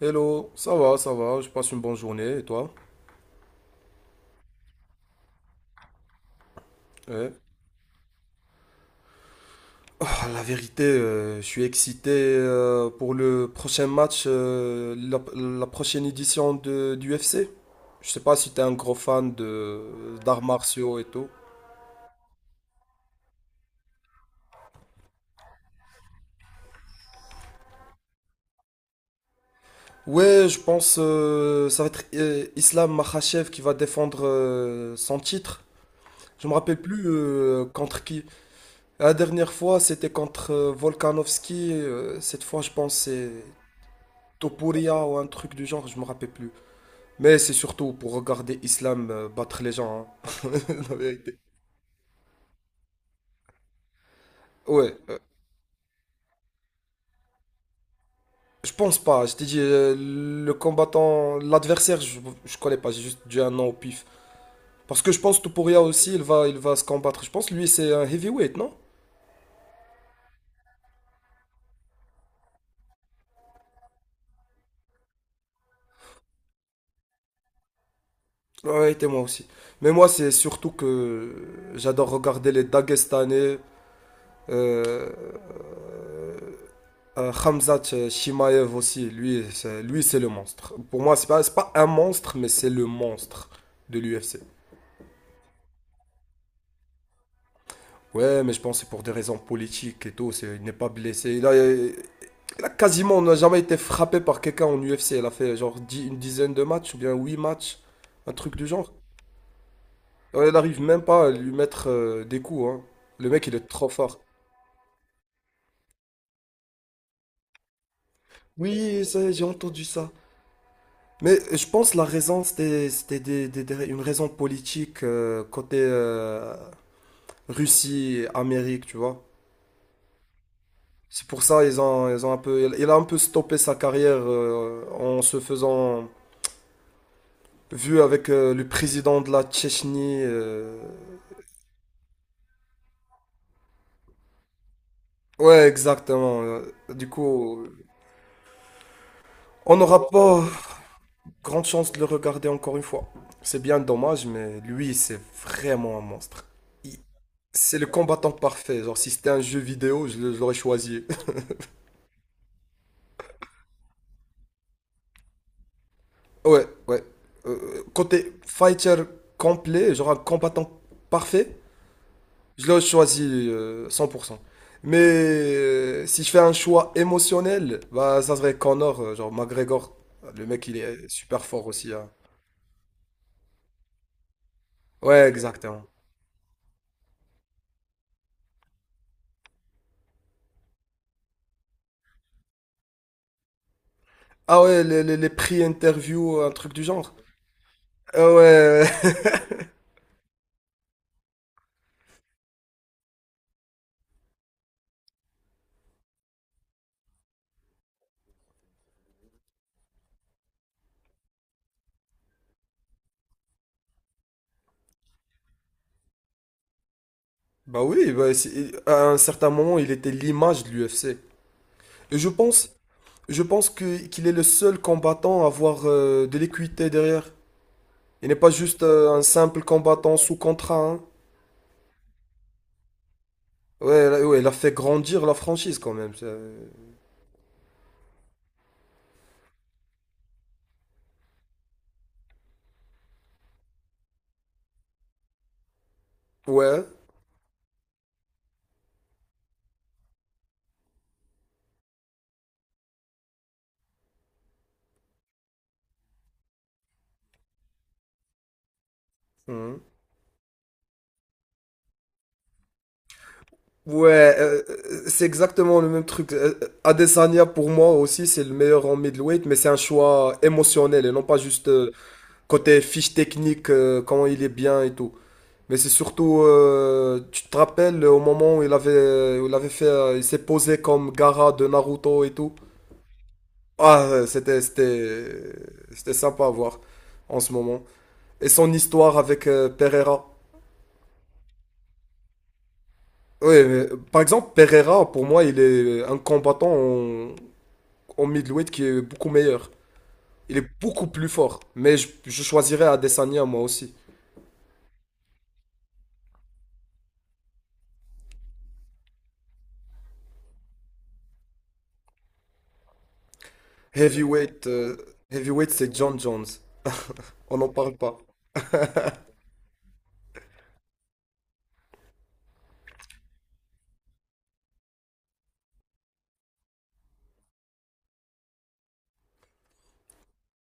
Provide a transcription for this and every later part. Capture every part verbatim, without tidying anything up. Hello, ça va, ça va, je passe une bonne journée et toi? Ouais. Ah, la vérité, euh, je suis excité euh, pour le prochain match, euh, la, la prochaine édition de, du U F C. Je sais pas si t'es un gros fan de d'arts martiaux et tout. Ouais, je pense euh, ça va être euh, Islam Makhachev qui va défendre euh, son titre. Je me rappelle plus euh, contre qui. La dernière fois, c'était contre euh, Volkanovski. Euh, cette fois, je pense c'est Topuria ou un truc du genre, je me rappelle plus. Mais c'est surtout pour regarder Islam euh, battre les gens, hein. La vérité. Ouais, euh, je pense pas. Je t'ai dit, euh, le combattant, l'adversaire, je, je connais pas. J'ai juste dit un nom au pif. Parce que je pense Topuria aussi, il va, il va se combattre. Je pense lui, c'est un heavyweight, non? Ouais, et moi aussi. Mais moi, c'est surtout que j'adore regarder les Dagestanais. euh, Euh, Khamzat euh, Shimaev aussi, lui, c'est, lui, c'est le monstre. Pour moi, c'est pas, c'est pas un monstre, mais c'est le monstre de l'U F C. Ouais, mais je pense que c'est pour des raisons politiques et tout. C'est- il n'est pas blessé. Il a, il a quasiment, on n'a jamais été frappé par quelqu'un en U F C. Il a fait genre dix- une dizaine de matchs ou bien huit matchs, un truc du genre. Ouais, il n'arrive même pas à lui mettre euh, des coups, hein. Le mec, il est trop fort. Oui, ça, j'ai entendu ça. Mais je pense la raison, c'était, c'était des- des- des- une raison politique euh, côté euh, Russie, Amérique, tu vois. C'est pour ça ils ont, ils ont un peu, il a un peu stoppé sa carrière euh, en se faisant vu avec euh, le président de la Tchétchénie. euh. Ouais, exactement. euh. Du coup, on n'aura pas grande chance de le regarder encore une fois. C'est bien dommage, mais lui, c'est vraiment un monstre. Il- C'est le combattant parfait. Genre, si c'était un jeu vidéo, je le- je l'aurais choisi. Ouais, ouais. Euh, côté fighter complet, genre un combattant parfait, je le choisis euh, cent pour cent. Mais euh, si je fais un choix émotionnel, bah, ça serait Connor, euh, genre McGregor. Le mec, il est super fort aussi, hein. Ouais, exactement. Ah ouais, les, les, les prix interview, un truc du genre. Ah ouais, bah oui, bah, c'est- à un certain moment, il était l'image de l'U F C. Et je pense, je pense que qu'il est le seul combattant à avoir euh, de l'équité derrière. Il n'est pas juste euh, un simple combattant sous contrat, hein. Ouais, là- ouais, il a fait grandir la franchise quand même. ça- Ouais. Mhm. Ouais, euh, euh, c'est exactement le même truc. Euh, euh, Adesanya, pour moi aussi, c'est le meilleur en middleweight, mais c'est un choix émotionnel et non pas juste euh, côté fiche technique, euh, quand il est bien et tout. Mais c'est surtout, euh, tu te rappelles euh, au moment où il avait, où il avait fait, euh, il s'est posé comme Gaara de Naruto et tout. Ah, euh, c'était, c'était, c'était sympa à voir en ce moment. Et son histoire avec euh, Pereira. Ouais, mais, par exemple, Pereira, pour moi, il est un combattant en, en, middleweight qui est beaucoup meilleur. Il est beaucoup plus fort. Mais je, je choisirais Adesanya, moi aussi. Heavyweight, euh, heavyweight, c'est John Jones. On n'en parle pas.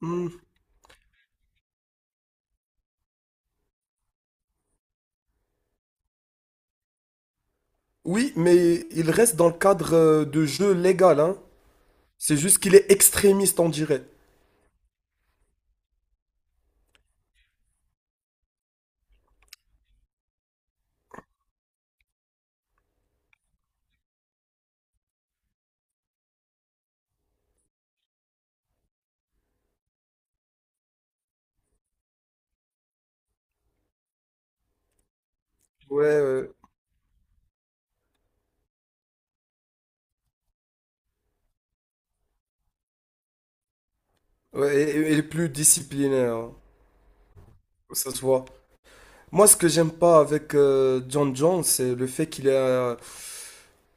Hmm. Oui, mais il reste dans le cadre euh, de jeu légal, hein. C'est juste qu'il est extrémiste, on dirait. Ouais, ouais. Ouais, et, et- et il est plus disciplinaire, hein. Ça se voit. Moi, ce que j'aime pas avec euh, John Jones, c'est le fait qu'il est. euh,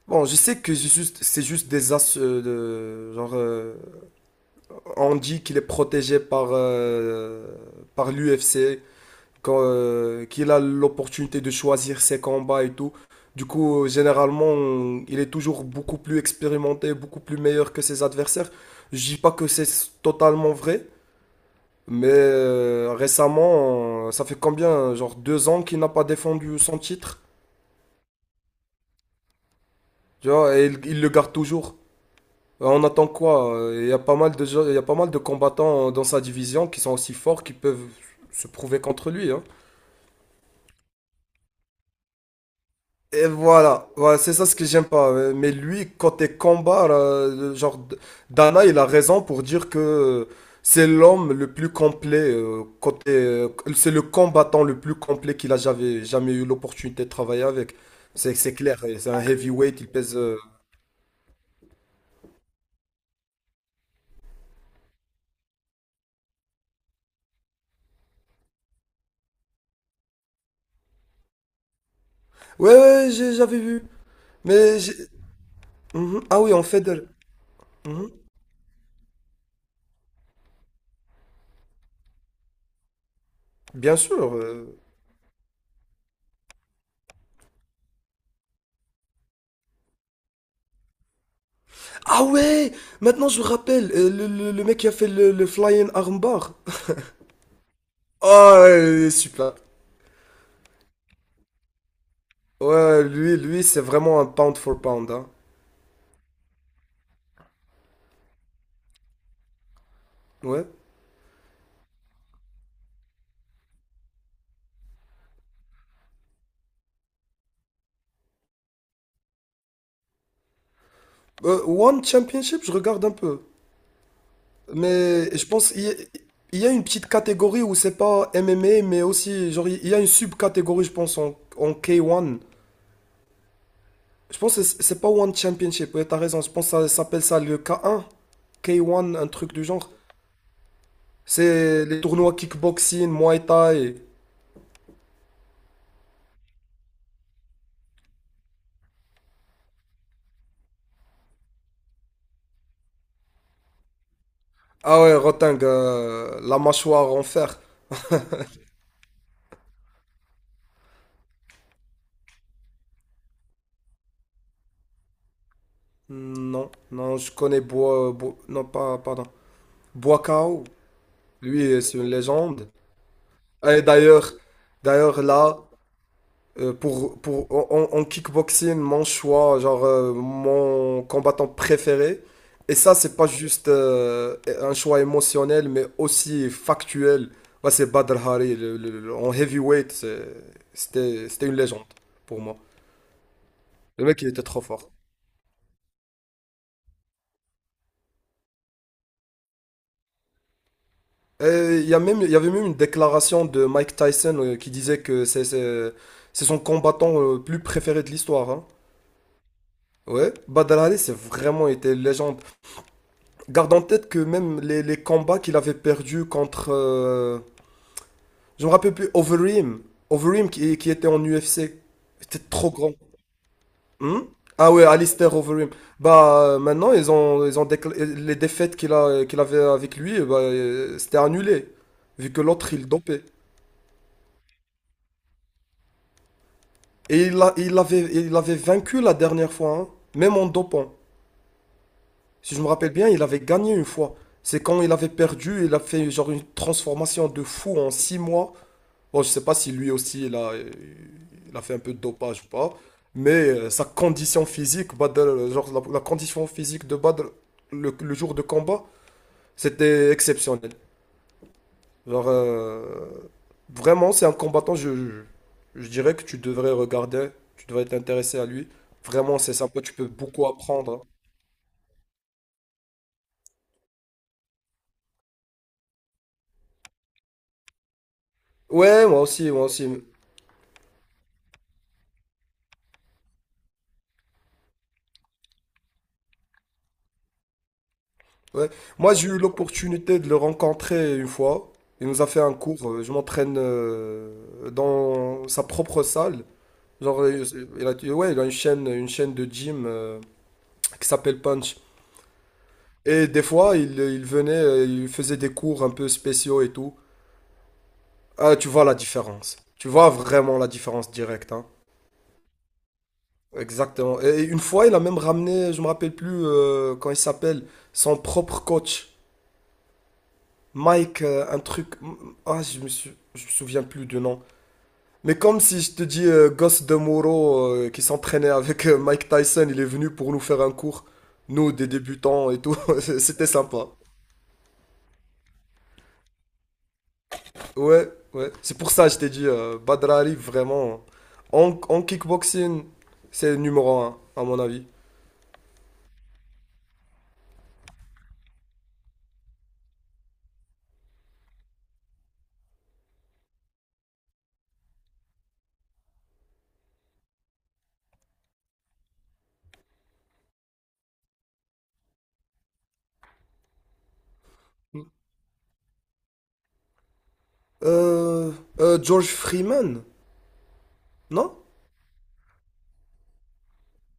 Bon, je sais que c'est juste, c'est juste des as euh, de genre euh, on dit qu'il est protégé par euh, par l'U F C, quand, euh, qu'il a l'opportunité de choisir ses combats et tout. Du coup, euh, généralement, on- il est toujours beaucoup plus expérimenté, beaucoup plus meilleur que ses adversaires. Je dis pas que c'est s- totalement vrai, mais euh, récemment, euh, ça fait combien, genre deux ans qu'il n'a pas défendu son titre, tu vois, et il il le garde toujours. Euh, On attend quoi? Euh, Il y a pas mal de, gens- il y a pas mal de combattants dans sa division qui sont aussi forts, qui peuvent se prouver contre lui, hein. Et voilà, voilà, c'est ça ce que j'aime pas. euh, Mais lui, côté combat, là, le genre, D- Dana, il a raison pour dire que c'est l'homme le plus complet, euh, côté, euh, c'est le combattant le plus complet qu'il a jamais, jamais eu l'opportunité de travailler avec. C'est, c'est clair, et c'est un heavyweight, il pèse. euh, Ouais, ouais, j'ai- j'avais vu. Mais j'ai. Mhm. Ah oui, en Federer. Mhm. Bien sûr. euh, Ah ouais! Maintenant, je me rappelle, euh, le, le- le mec qui a fait le, le flying armbar. Ah, il est super. Ouais, lui, lui, c'est vraiment un pound for pound, hein. Ouais. Euh, One Championship, je regarde un peu. Mais je pense il y a, il y a une petite catégorie où c'est pas M M A, mais aussi, genre, il y a une sub-catégorie, je pense, en, en, K un. Je pense que c'est c'est pas One Championship, ouais, t'as raison. Je pense que ça s'appelle ça le K un. K un, un un truc du genre. C'est les tournois kickboxing, muay thai. Ah ouais, Roteng, euh, la mâchoire en fer. Non, non, je connais Bois. Bo- non, pas, pardon. Bois Kao. Lui, c'est une légende. Et d'ailleurs, d'ailleurs, là, euh, pour, pour, en, en kickboxing, mon choix, genre euh, mon combattant préféré. Et ça, c'est pas juste euh, un choix émotionnel, mais aussi factuel. Bah, c'est Badr Hari, le- le- le- en heavyweight, c'est- c'était, c'était une légende pour moi. Le mec, il était trop fort. Et il y a même, il y avait même une déclaration de Mike Tyson euh, qui disait que c'est, c'est, c'est son combattant euh, plus préféré de l'histoire, hein. Ouais, Badr Hari, c'est vraiment été une légende. Garde en tête que même les, les combats qu'il avait perdus contre, euh, je me rappelle plus, Overeem. Overeem qui, qui était en U F C. C'était trop grand. Hmm, ah ouais, Alistair Overeem. Bah euh, maintenant, ils ont, ils ont décla- les défaites qu'il a, qu'il avait avec lui, eh bah, euh, c'était annulé. Vu que l'autre, il dopait. Et il, a, il, avait, il avait vaincu la dernière fois, hein, même en dopant. Si je me rappelle bien, il avait gagné une fois. C'est quand il avait perdu, il a fait genre une transformation de fou en six mois. Bon, je sais pas si lui aussi il a, il a fait un peu de dopage ou pas, mais euh, sa condition physique, Badr, euh, genre la, la condition physique de Badr le, le jour de combat, c'était exceptionnel. Genre, euh, vraiment, c'est un combattant, je, je, je dirais que tu devrais regarder, tu devrais t'intéresser à lui. Vraiment, c'est sympa, tu peux beaucoup apprendre. Ouais, moi aussi, moi aussi. Ouais. Moi, j'ai eu l'opportunité de le rencontrer une fois. Il nous a fait un cours. euh, Je m'entraîne euh, dans sa propre salle. Genre, euh, il a, ouais, il a une chaîne, une chaîne de gym euh, qui s'appelle Punch. Et des fois, il, il venait, euh, il faisait des cours un peu spéciaux et tout. Ah, tu vois la différence. Tu vois vraiment la différence directe, hein. Exactement. Et une fois, il a même ramené, je me rappelle plus euh, quand il s'appelle, son propre coach. Mike, euh, un truc. Ah, je me suis... je me souviens plus du nom. Mais comme si je te dis euh, Gosse de Moro euh, qui s'entraînait avec euh, Mike Tyson, il est venu pour nous faire un cours. Nous, des débutants et tout. C'était sympa. Ouais, ouais. C'est pour ça que je t'ai dit euh, Badrari, vraiment. En, en kickboxing, c'est le numéro un, à mon avis. Euh, euh, George Freeman, non?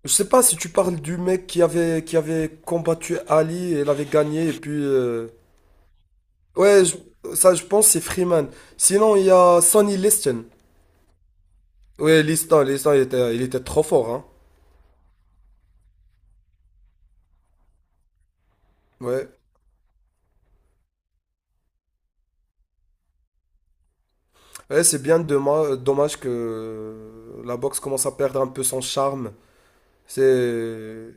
Je sais pas si tu parles du mec qui avait, qui avait combattu Ali et l'avait gagné et puis. euh, Ouais, je- ça je pense c'est Freeman. Sinon il y a Sonny Liston. Ouais, Liston, Liston il était, il était trop fort, hein. Ouais, ouais c'est bien dommage, dommage que la boxe commence à perdre un peu son charme. C'est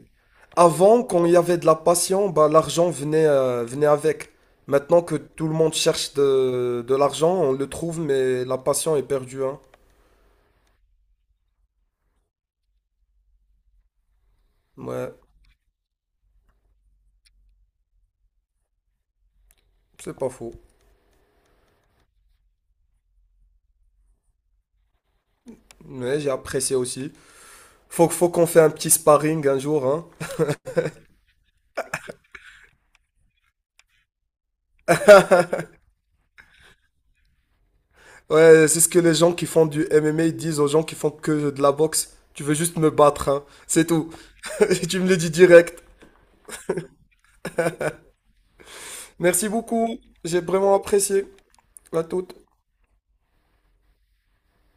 avant quand il y avait de la passion, bah l'argent venait euh, venait avec. Maintenant que tout le monde cherche de, de l'argent, on le trouve mais la passion est perdue, hein. Ouais, c'est pas faux. Mais j'ai apprécié aussi. Faut, faut qu'on fait un petit sparring un jour, hein. Ouais, c'est ce que les gens qui font du M M A disent aux gens qui font que de la boxe. Tu veux juste me battre, hein. C'est tout. Et tu me le dis direct. Merci beaucoup. J'ai vraiment apprécié. À toute.